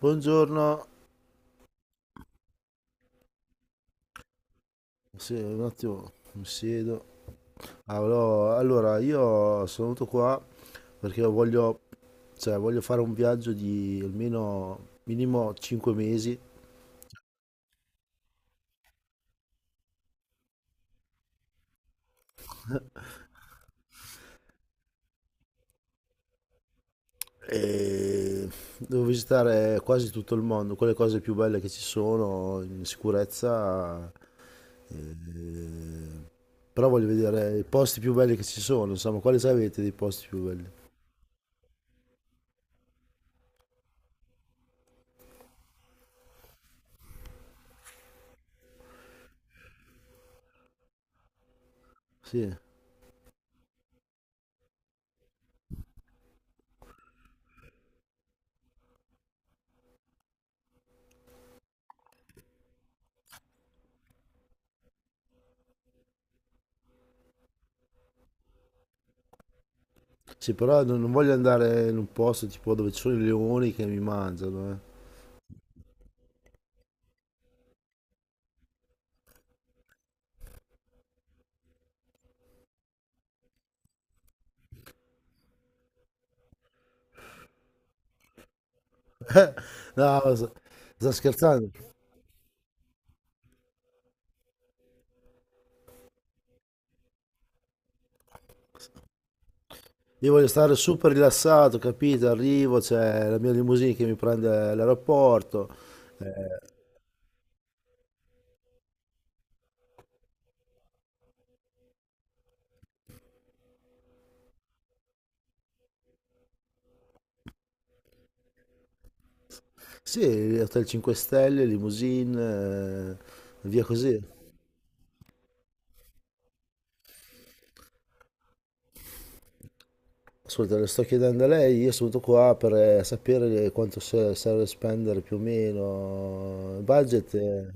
Buongiorno, sì, un attimo mi siedo. Allora, io sono venuto qua perché voglio fare un viaggio di almeno minimo 5 mesi e devo visitare quasi tutto il mondo, quelle cose più belle che ci sono in sicurezza. eh, Però voglio vedere i posti più belli che ci sono, insomma, quali sapete dei posti più belli? Sì. Sì, però non voglio andare in un posto tipo dove ci sono i leoni che mi mangiano, eh. No, sta scherzando. Io voglio stare super rilassato, capito? Arrivo, c'è la mia limousine che mi prende all'aeroporto. Eh, sì, Hotel 5 Stelle, limousine, via così. Ascolta, le sto chiedendo a lei, io sono venuto qua per sapere quanto serve spendere più o meno il budget.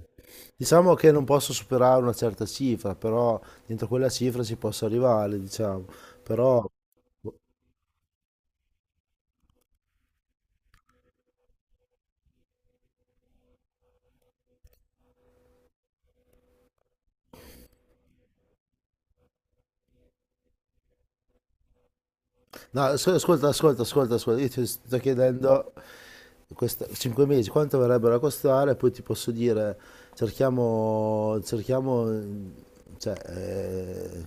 Diciamo che non posso superare una certa cifra, però dentro quella cifra si possa arrivare, diciamo. Però, no, ascolta, io ti sto chiedendo questa, 5 mesi quanto verrebbero a costare, poi ti posso dire, cerchiamo, cioè, eh,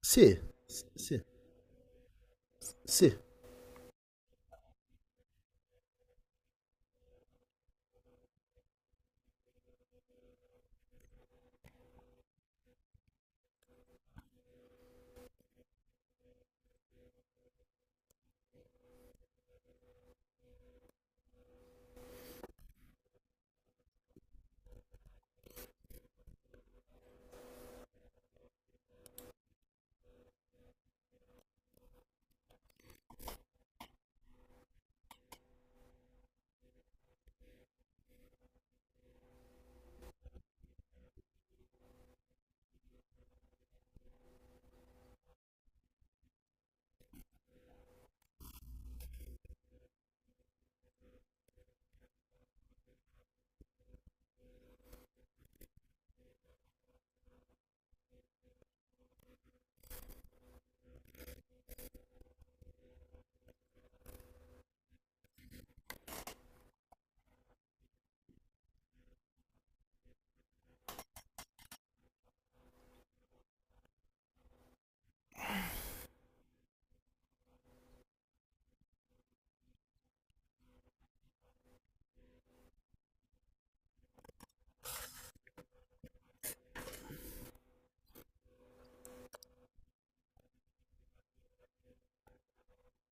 sì, sì. Sì,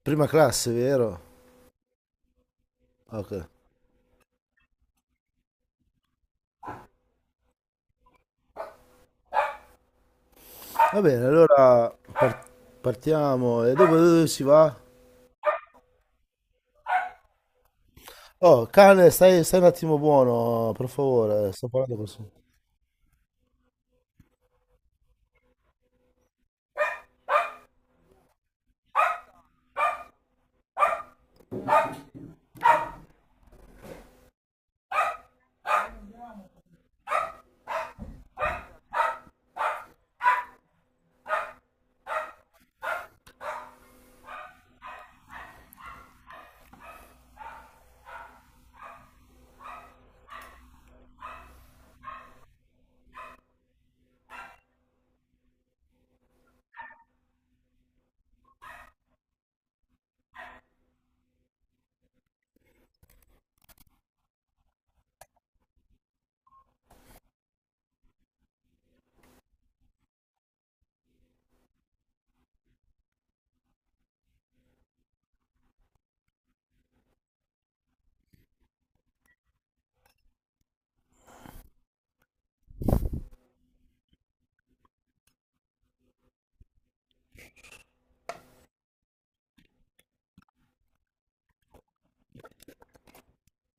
prima classe, vero? Ok. Va bene, allora partiamo. E dopo dove si va? Oh, cane, stai un attimo buono, per favore. Sto parlando con...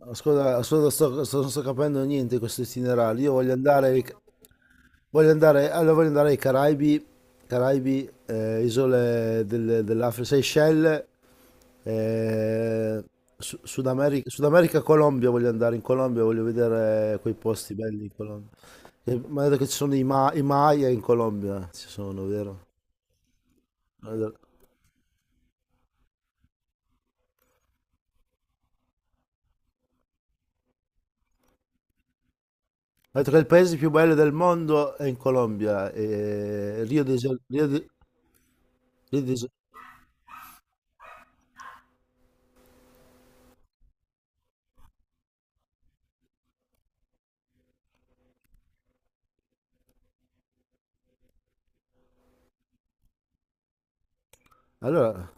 Ascolta, ascolta, non sto capendo niente di questo itinerario. Io voglio andare... Voglio andare, allora voglio andare ai Caraibi, Caraibi, isole dell'Africa, Seychelles, eh, Sud America, Colombia, voglio andare in Colombia, voglio vedere quei posti belli in Colombia. Mi ha detto che ci sono i Maya in Colombia, ci sono, vero? Mi ha detto Mi ha detto che il paese più bello del mondo è in Colombia, Rio de Janeiro. Rio de Ja- Allora,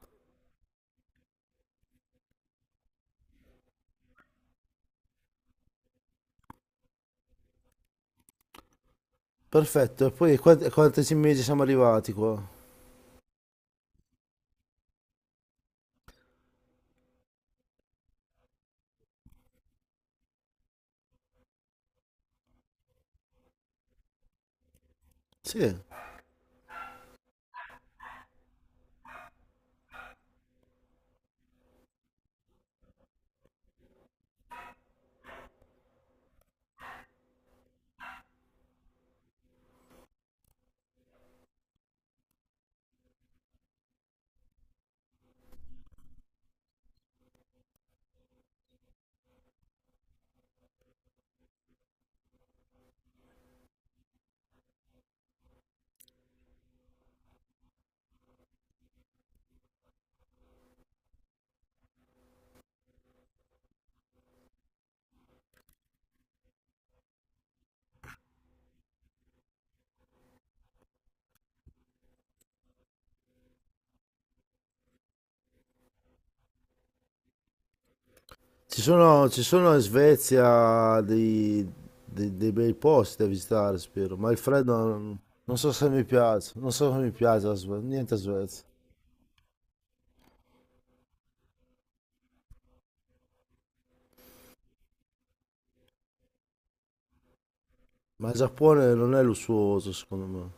perfetto, e poi quanti mesi siamo arrivati qua? Sì. Ci sono in Svezia dei bei posti da visitare, spero, ma il freddo, non so se mi piace, non so se mi piace la niente a Svezia. Ma il Giappone non è lussuoso, secondo me.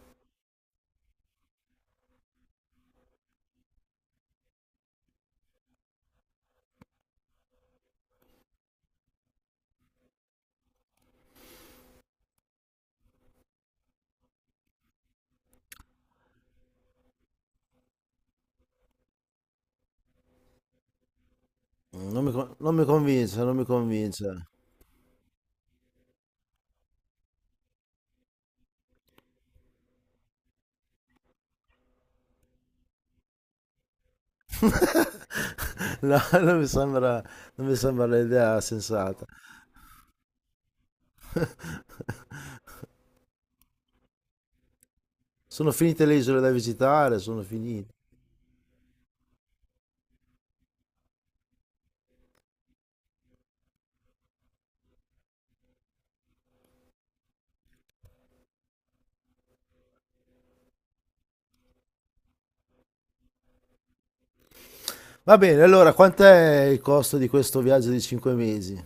Non mi convince, non mi convince. No, non mi sembra l'idea sensata. Sono finite le isole da visitare, sono finite. Va bene, allora, quant'è il costo di questo viaggio di 5 mesi?